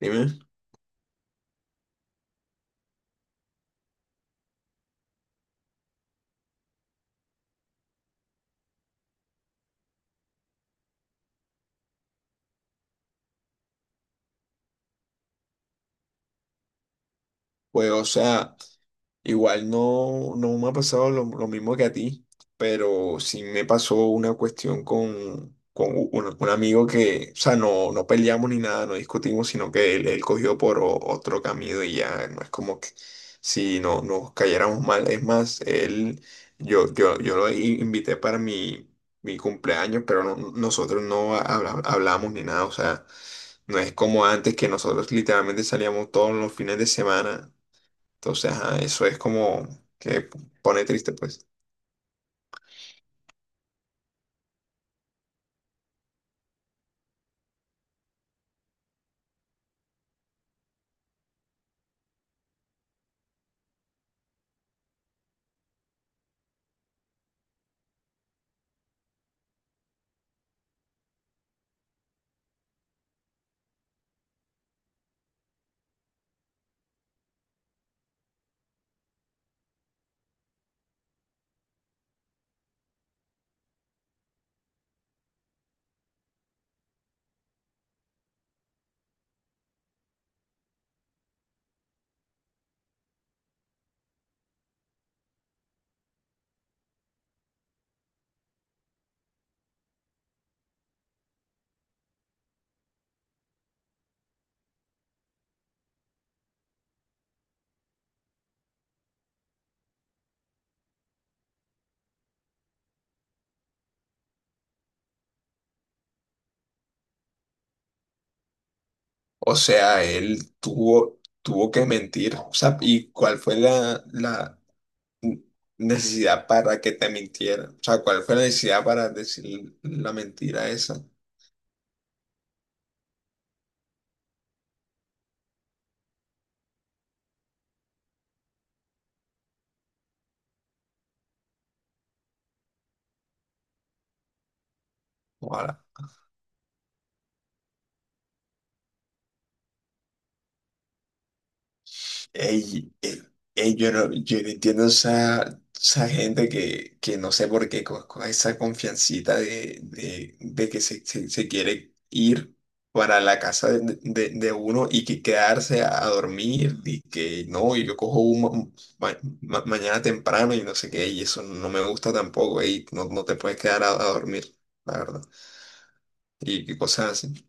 Dime. Pues, o sea. Igual no, No me ha pasado lo mismo que a ti, pero sí me pasó una cuestión con un amigo que no peleamos ni nada, no discutimos, sino que él cogió por otro camino y ya no es como que si no nos cayéramos mal. Es más, él, yo lo invité para mi cumpleaños, pero nosotros no hablamos ni nada, o sea, no es como antes que nosotros literalmente salíamos todos los fines de semana. Entonces, ajá, eso es como que pone triste, pues. O sea, él tuvo que mentir. O sea, ¿y cuál fue la necesidad para que te mintiera? O sea, ¿cuál fue la necesidad para decir la mentira esa? Ojalá. Ey, ey, yo no entiendo esa gente que no sé por qué, con esa confiancita de que se quiere ir para la casa de uno y que quedarse a dormir y que no, y yo cojo un mañana temprano y no sé qué, y eso no me gusta tampoco. Ey, no te puedes quedar a dormir, la verdad. Y cosas así,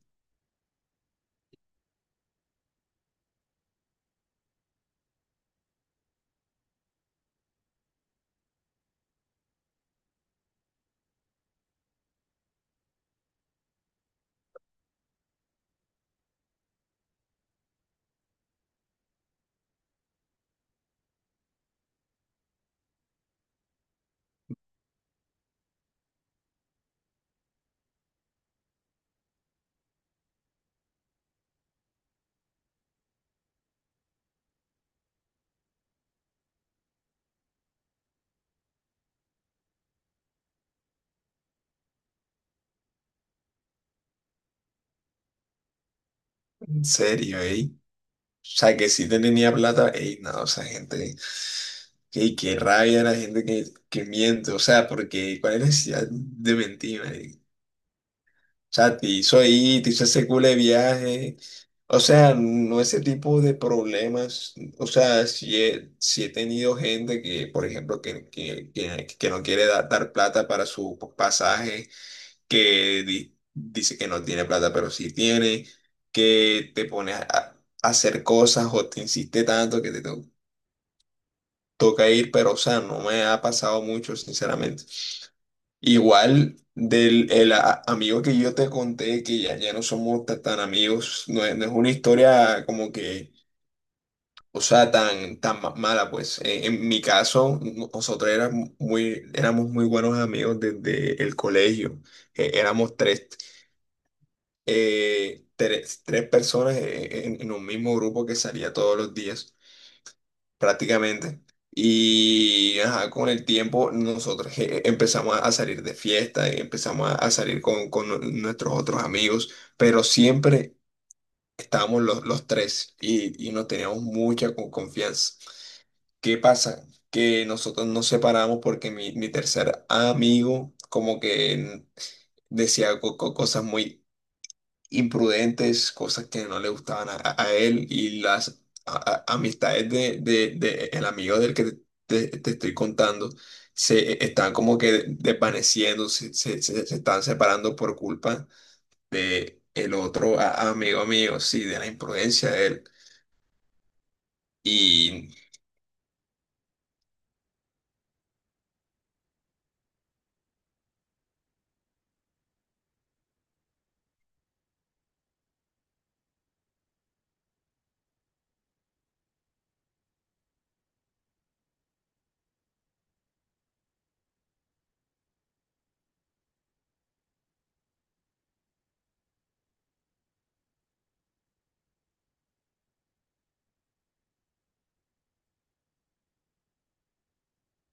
en serio, ey. O sea, que si tenía plata, ey, no, esa gente. Qué, qué rabia la gente que miente, o sea, porque ¿cuál es la necesidad de mentir, marica? O sea, te hizo ahí, te hizo ese culo de viaje, o sea, no ese tipo de problemas, o sea, si he tenido gente que, por ejemplo, que no quiere dar plata para su pasaje, que dice que no tiene plata, pero sí tiene, que te pone a hacer cosas o te insiste tanto que te toca ir, pero o sea, no me ha pasado mucho, sinceramente. Igual del el amigo que yo te conté, ya no somos tan amigos. No es, no es una historia como que, o sea, tan mala, pues. En mi caso, nosotros éramos muy buenos amigos desde el colegio. Éramos tres, eh, tres personas en un mismo grupo que salía todos los días, prácticamente. Y ajá, con el tiempo nosotros empezamos a salir de fiesta, y empezamos a salir con nuestros otros amigos, pero siempre estábamos los tres y nos teníamos mucha confianza. ¿Qué pasa? Que nosotros nos separamos porque mi tercer amigo como que decía cosas muy imprudentes, cosas que no le gustaban a, a él, y las amistades de el amigo del que te estoy contando se están como que desvaneciendo, se están separando por culpa de el otro amigo mío, sí, de la imprudencia de él. Y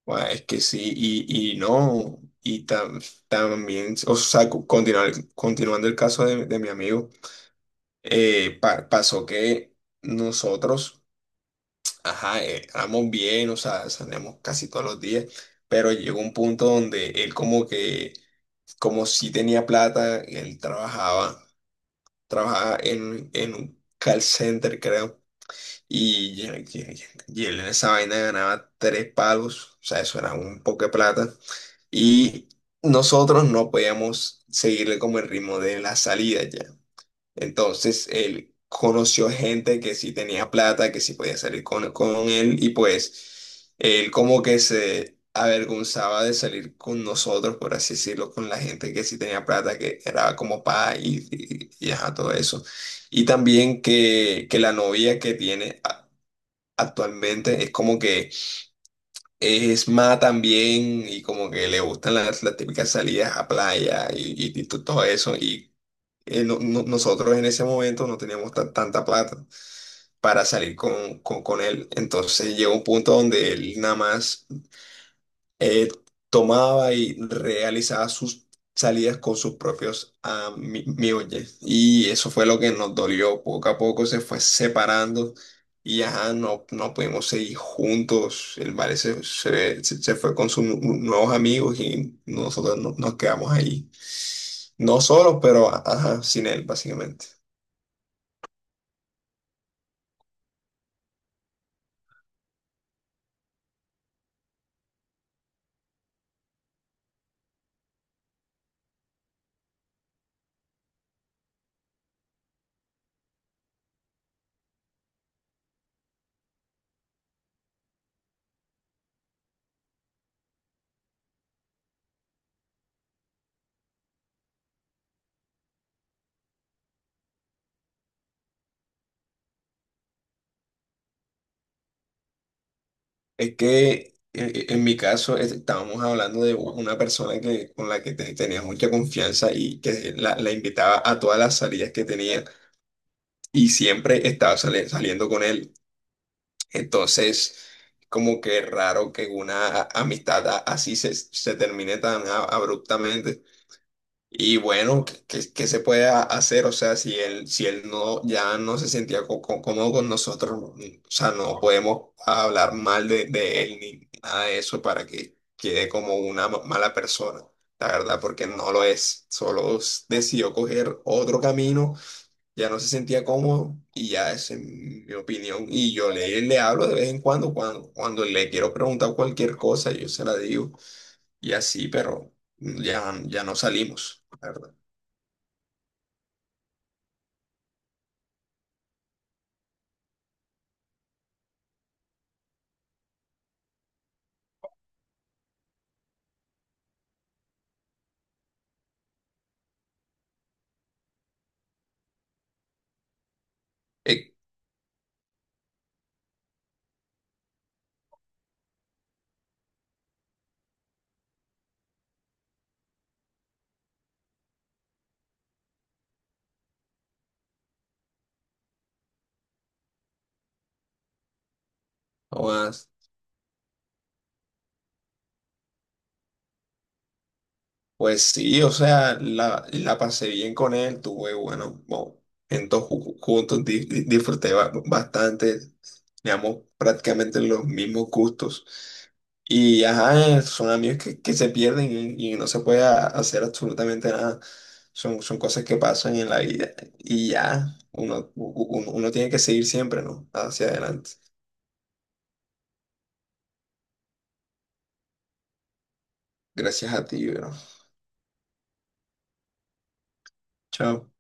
bueno, es que sí, y no. Y también, o sea, continuando el caso de mi amigo, pasó que nosotros, ajá, éramos bien, o sea, salíamos casi todos los días, pero llegó un punto donde él como que, como si tenía plata, él trabajaba, trabajaba en un call center, creo, y, y él en esa vaina ganaba tres palos, o sea, eso era un poco de plata, y nosotros no podíamos seguirle como el ritmo de la salida ya. Entonces él conoció gente que sí tenía plata, que sí podía salir con él, y pues él como que se avergonzaba de salir con nosotros, por así decirlo, con la gente que sí tenía plata, que era como pa, y ajá, todo eso. Y también que la novia que tiene actualmente es como que es más también, y como que le gustan las típicas salidas a playa y todo eso. Y nosotros en ese momento no teníamos tanta plata para salir con él. Entonces llegó un punto donde él nada más eh, tomaba y realizaba sus salidas con sus propios amigos. Y eso fue lo que nos dolió. Poco a poco se fue separando. Y ajá, no, no pudimos seguir juntos. El vale se fue con sus nuevos amigos y nosotros nos quedamos ahí. No solos, pero ajá, sin él, básicamente. Es que en mi caso estábamos hablando de una persona que, con la que tenía mucha confianza y que la invitaba a todas las salidas que tenía y siempre estaba saliendo con él. Entonces, como que raro que una amistad así se, se termine tan abruptamente. Y bueno, ¿qué, qué se puede hacer? O sea, si él, si él no, ya no se sentía cómodo con nosotros, no, o sea, no podemos hablar mal de él ni nada de eso para que quede como una mala persona, la verdad, porque no lo es. Solo decidió coger otro camino, ya no se sentía cómodo y ya esa es mi opinión. Y yo le hablo de vez en cuando, cuando le quiero preguntar cualquier cosa, yo se la digo y así, pero ya, ya no salimos, la verdad. Eh, jodas, pues sí, o sea, la pasé bien con él, tuve bueno, momentos juntos, disfruté bastante, teníamos prácticamente los mismos gustos. Y ajá, son amigos que se pierden y no se puede hacer absolutamente nada. Son, son cosas que pasan en la vida y ya, uno, u- u- uno, uno tiene que seguir siempre, ¿no? Hacia adelante. Gracias a ti, bro. Chao.